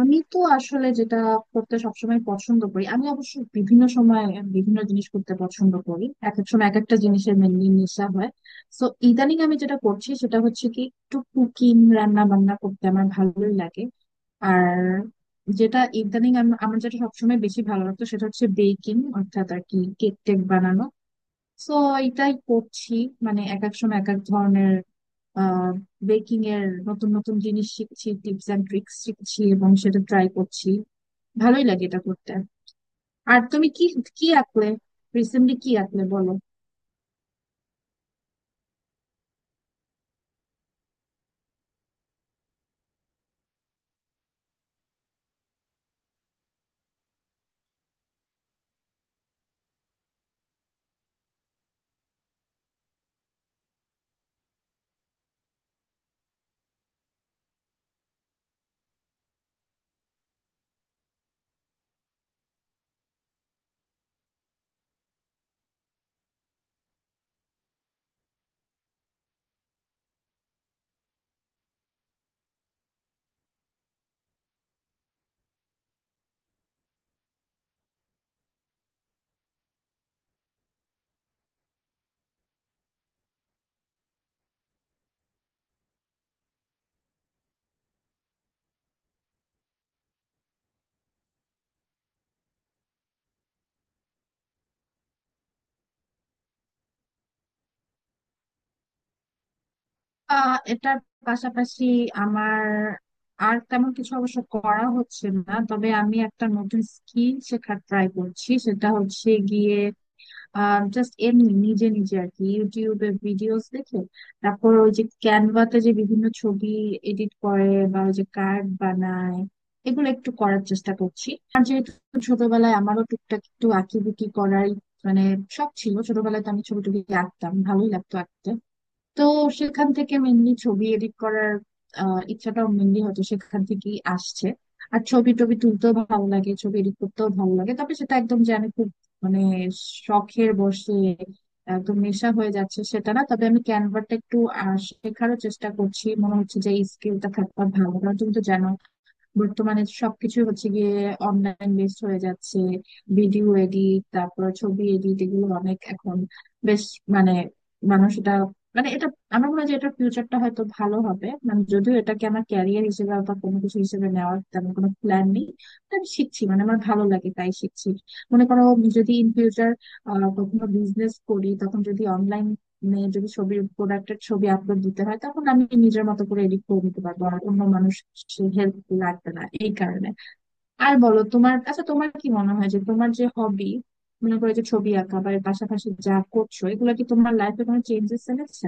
আমি তো আসলে যেটা করতে সবসময় পছন্দ করি। আমি অবশ্য বিভিন্ন সময় বিভিন্ন জিনিস করতে পছন্দ করি, এক এক সময় এক একটা জিনিসের মেনলি নেশা হয়। তো ইদানিং আমি যেটা করছি সেটা হচ্ছে কি, একটু কুকিং, রান্না বান্না করতে আমার ভালোই লাগে। আর যেটা ইদানিং আমার যেটা সবসময় বেশি ভালো লাগতো সেটা হচ্ছে বেকিং, অর্থাৎ আর কি কেক টেক বানানো। সো এটাই করছি। মানে এক এক সময় এক এক ধরনের আহ বেকিং এর নতুন নতুন জিনিস শিখছি, টিপস এন্ড ট্রিক্স শিখছি এবং সেটা ট্রাই করছি। ভালোই লাগে এটা করতে। আর তুমি কি কি আঁকলে রিসেন্টলি কি আঁকলে বলো। এটার পাশাপাশি আমার আর তেমন কিছু অবশ্য করা হচ্ছে না, তবে আমি একটা নতুন স্কিল শেখার ট্রাই করছি। সেটা হচ্ছে গিয়ে, জাস্ট এমনি নিজে নিজে আর কি ইউটিউবে ভিডিওস দেখে তারপর ওই যে ক্যানভাতে যে বিভিন্ন ছবি এডিট করে বা ওই যে কার্ড বানায়, এগুলো একটু করার চেষ্টা করছি। আর যেহেতু ছোটবেলায় আমারও টুকটাক একটু আঁকিবুকি করার মানে শখ ছিল, ছোটবেলায় তো আমি ছবি টবি আঁকতাম, ভালোই লাগতো আঁকতে। তো সেখান থেকে মেনলি ছবি এডিট করার ইচ্ছাটাও মেনলি হয়তো সেখান থেকেই আসছে। আর ছবি টবি তুলতেও ভালো লাগে, ছবি এডিট করতেও ভালো লাগে, তবে সেটা একদম যে আমি খুব মানে শখের বসে একদম নেশা হয়ে যাচ্ছে সেটা না। তবে আমি ক্যানভাটা একটু শেখারও চেষ্টা করছি। মনে হচ্ছে যে এই স্কিলটা থাকবা ভালো, কারণ তুমি তো জানো বর্তমানে সবকিছু হচ্ছে গিয়ে অনলাইন বেসড হয়ে যাচ্ছে। ভিডিও এডিট, তারপর ছবি এডিট, এগুলো অনেক এখন বেশ মানে মানুষ এটা মানে এটা আমার মনে হয় যে এটার ফিউচারটা হয়তো ভালো হবে। মানে যদিও এটাকে আমার ক্যারিয়ার হিসেবে বা কোনো কিছু হিসেবে নেওয়ার তেমন কোনো প্ল্যান নেই। তো আমি শিখছি, মানে আমার ভালো লাগে তাই শিখছি। মনে করো আমি যদি ইন ফিউচার কখনো বিজনেস করি, তখন যদি অনলাইন মানে যদি ছবির প্রোডাক্টের ছবি আপলোড দিতে হয়, তখন আমি নিজের মতো করে এডিট করে নিতে পারবো, আর অন্য মানুষ হেল্প লাগবে না এই কারণে। আর বলো তোমার, আচ্ছা তোমার কি মনে হয় যে তোমার যে হবি, মনে করো যে ছবি আঁকা বা এর পাশাপাশি যা করছো, এগুলো কি তোমার লাইফে কোনো চেঞ্জেস এনেছে?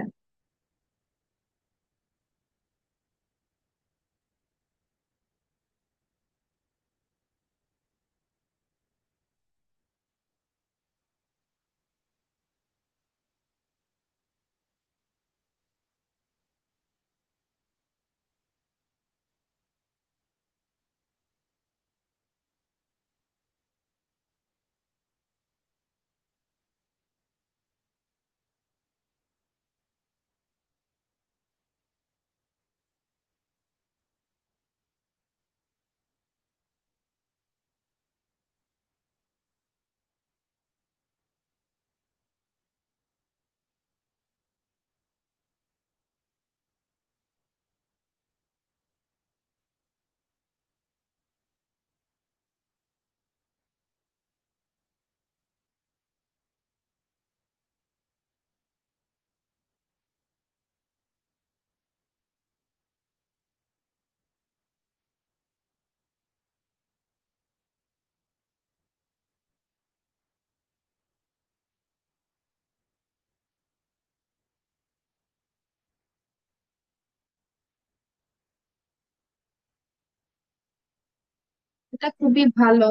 এটা খুবই ভালো।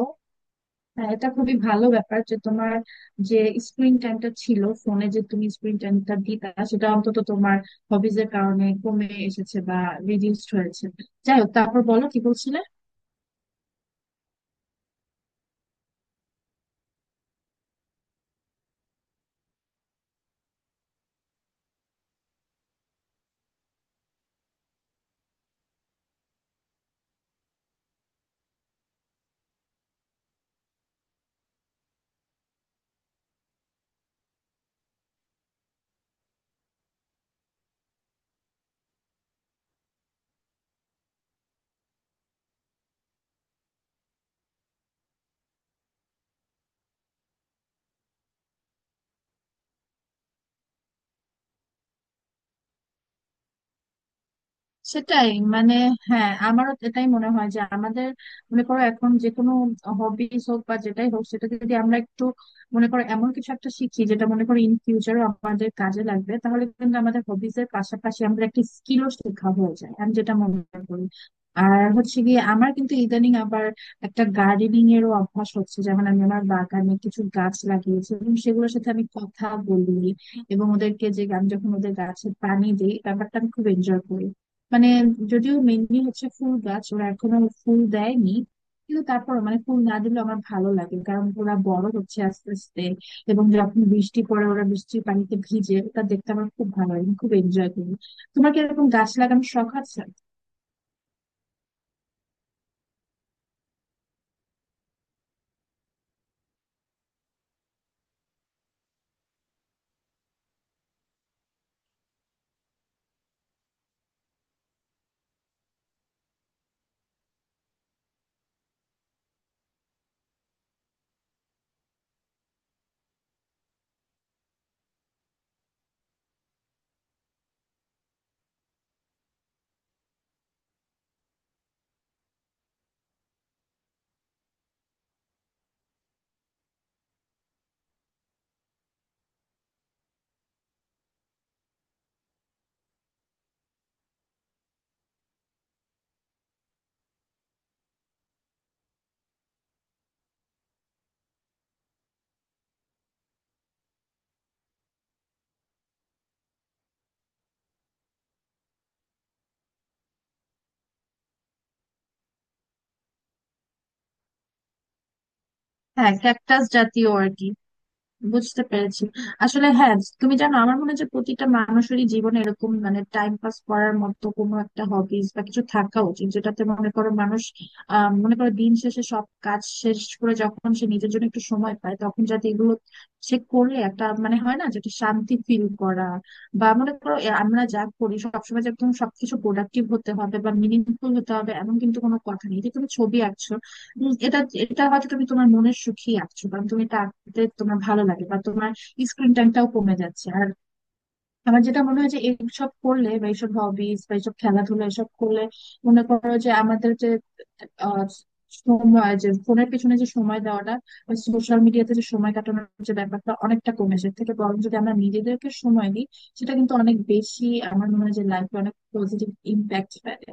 হ্যাঁ, এটা খুবই ভালো ব্যাপার যে তোমার যে স্ক্রিন টাইমটা ছিল ফোনে, যে তুমি স্ক্রিন টাইমটা দিতা, সেটা অন্তত তোমার হবিজের কারণে কমে এসেছে বা রিডিউসড হয়েছে। যাই হোক, তারপর বলো কি বলছিলে। সেটাই মানে হ্যাঁ, আমারও এটাই মনে হয় যে আমাদের মনে করো এখন যে কোনো হবিস হোক বা যেটাই হোক, সেটা যদি আমরা একটু মনে করো এমন কিছু একটা শিখি যেটা মনে করো ইন ফিউচারও আমাদের কাজে লাগবে, তাহলে কিন্তু আমাদের হবিস এর পাশাপাশি আমাদের একটা স্কিলও শেখা হয়ে যায়, আমি যেটা মনে করি। আর হচ্ছে গিয়ে আমার কিন্তু ইদানিং আবার একটা গার্ডেনিং এরও অভ্যাস হচ্ছে। যেমন আমি আমার বাগানে কিছু গাছ লাগিয়েছি এবং সেগুলোর সাথে আমি কথা বলি, এবং ওদেরকে যে আমি যখন ওদের গাছে পানি দিই ব্যাপারটা আমি খুব এনজয় করি। মানে যদিও মেনলি হচ্ছে ফুল গাছ, ওরা এখনো ফুল দেয়নি, কিন্তু তারপর মানে ফুল না দিলে আমার ভালো লাগে কারণ ওরা বড় হচ্ছে আস্তে আস্তে। এবং যখন বৃষ্টি পড়ে ওরা বৃষ্টির পানিতে ভিজে, ওটা দেখতে আমার খুব ভালো লাগে, আমি খুব এনজয় করি। তোমার কি এরকম গাছ লাগানোর শখ আছে? হ্যাঁ, ক্যাকটাস জাতীয় আর কি, বুঝতে পেরেছি। আসলে হ্যাঁ, তুমি জানো আমার মনে হয় যে প্রতিটা মানুষেরই জীবনে এরকম মানে টাইম পাস করার মতো কোনো একটা হবিস বা কিছু থাকা উচিত, যেটাতে মনে করো মানুষ মনে করো দিন শেষে সব কাজ শেষ করে যখন সে নিজের জন্য একটু সময় পায়, তখন যাতে এগুলো সে করলে একটা মানে হয় না যেটা শান্তি ফিল করা। বা মনে করো এ আমরা যা করি সবসময় যে একদম সবকিছু প্রোডাক্টিভ হতে হবে বা মিনিংফুল হতে হবে এমন কিন্তু কোনো কথা নেই। যে তুমি ছবি আঁকছো, এটা এটা হয়তো তুমি তোমার মনের সুখেই আঁকছো কারণ তুমি এটা আঁকতে তোমার ভালো লাগে, বা তোমার স্ক্রিন টাইমটাও কমে যাচ্ছে। আর আমার যেটা মনে হয় যে এইসব করলে বা এইসব হবিস বা এইসব খেলাধুলা এসব করলে মনে করো যে আমাদের যে আহ, সময় যে ফোনের পিছনে যে সময় দেওয়াটা, সোশ্যাল মিডিয়াতে যে সময় কাটানোর যে ব্যাপারটা অনেকটা কমে আসে। এর থেকে বরং যদি আমরা নিজেদেরকে সময় দিই, সেটা কিন্তু অনেক বেশি আমার মনে হয় যে লাইফে অনেক পজিটিভ ইম্প্যাক্ট ফেলে,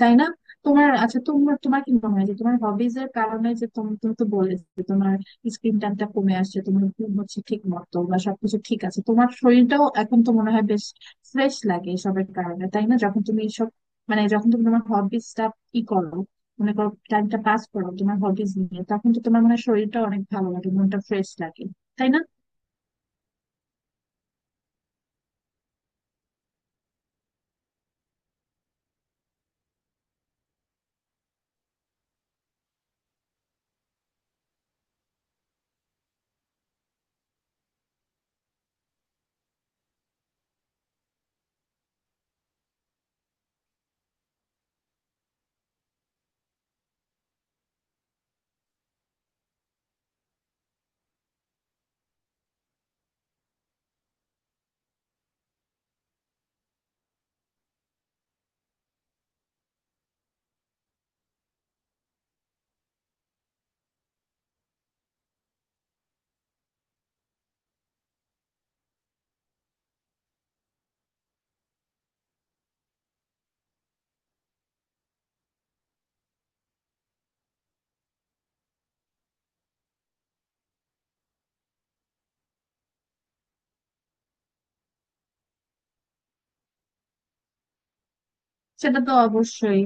তাই না? তোমার আচ্ছা তোমার তোমার কি মনে হয় যে তোমার হবিজ এর কারণে যে তুমি, তুমি তো বললে যে তোমার স্ক্রিন টাইমটা কমে আসছে, তোমার ঘুম হচ্ছে ঠিক মতো বা সবকিছু ঠিক আছে, তোমার শরীরটাও এখন তো মনে হয় বেশ ফ্রেশ লাগে এসবের কারণে, তাই না? যখন তুমি এসব মানে যখন তুমি তোমার হবিসটা ই করো, মনে করো টাইমটা পাস করো তোমার হবিস নিয়ে, তখন তো তোমার মনে হয় শরীরটা অনেক ভালো লাগে, মনটা ফ্রেশ লাগে, তাই না? সেটা তো অবশ্যই।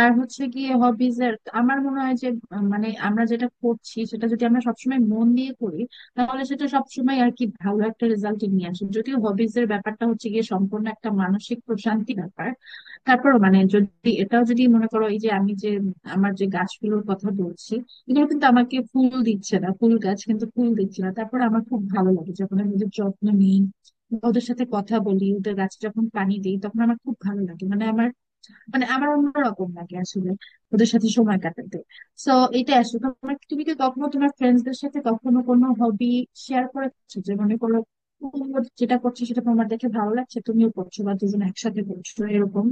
আর হচ্ছে কি হবিজ এর আমার মনে হয় যে মানে আমরা যেটা করছি সেটা যদি আমরা সবসময় মন দিয়ে করি, তাহলে সেটা সবসময় আর কি ভালো একটা রেজাল্ট নিয়ে আসে। যদিও হবিজ এর ব্যাপারটা হচ্ছে গিয়ে সম্পূর্ণ একটা মানসিক প্রশান্তি ব্যাপার। তারপর মানে যদি এটাও যদি মনে করো এই যে আমি যে আমার যে গাছগুলোর কথা বলছি, এগুলো কিন্তু আমাকে ফুল দিচ্ছে না, ফুল গাছ কিন্তু ফুল দিচ্ছে না, তারপর আমার খুব ভালো লাগে যখন আমি ওদের যত্ন নিই বা ওদের সাথে কথা বলি, ওদের গাছে যখন পানি দিই তখন আমার খুব ভালো লাগে, মানে আমার মানে আমার অন্যরকম লাগে আসলে ওদের সাথে সময় কাটাতে। তো এটা আসলে তোমার, তুমি কি কখনো তোমার ফ্রেন্ডসদের সাথে কখনো কোনো হবি শেয়ার করেছো? যে মনে করো তুমি যেটা করছো সেটা তোমার দেখে ভালো লাগছে, তুমিও করছো বা দুজন একসাথে করছো এরকম।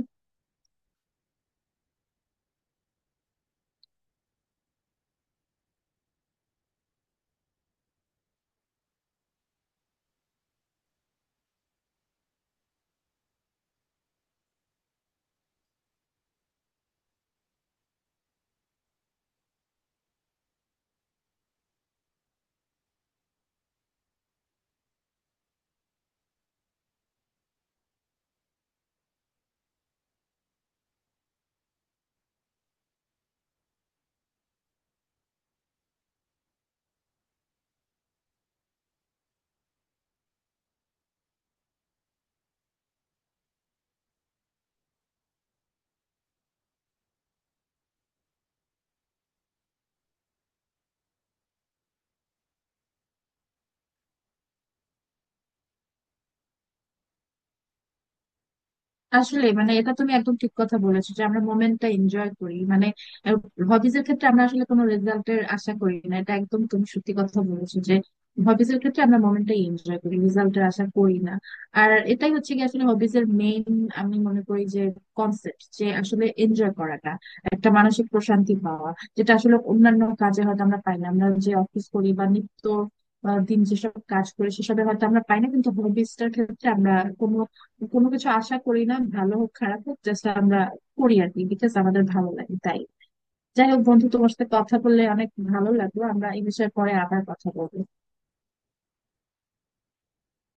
আসলে মানে এটা তুমি একদম ঠিক কথা বলেছো যে আমরা মোমেন্টটা এনজয় করি। মানে হবিজ এর ক্ষেত্রে আমরা আসলে কোনো রেজাল্টের আশা করি না, এটা একদম তুমি সত্যি কথা বলেছো যে হবিজ এর ক্ষেত্রে আমরা মোমেন্টটাই এনজয় করি, রেজাল্টের আশা করি না। আর এটাই হচ্ছে কি আসলে হবিজ এর মেইন, আমি মনে করি যে কনসেপ্ট, যে আসলে এনজয় করাটা, একটা মানসিক প্রশান্তি পাওয়া, যেটা আসলে অন্যান্য কাজে হয়তো আমরা পাই না। আমরা যে অফিস করি বা নিত্য দিন যেসব কাজ করি সেসবে হয়তো আমরা পাই না, কিন্তু হবিজটার ক্ষেত্রে আমরা কোনো কোনো কিছু আশা করি না, ভালো হোক খারাপ হোক জাস্ট আমরা করি আর কি, বিকজ আমাদের ভালো লাগে তাই। যাই হোক বন্ধু, তোমার সাথে কথা বললে অনেক ভালো লাগলো, আমরা এই বিষয়ে পরে আবার কথা বলবো।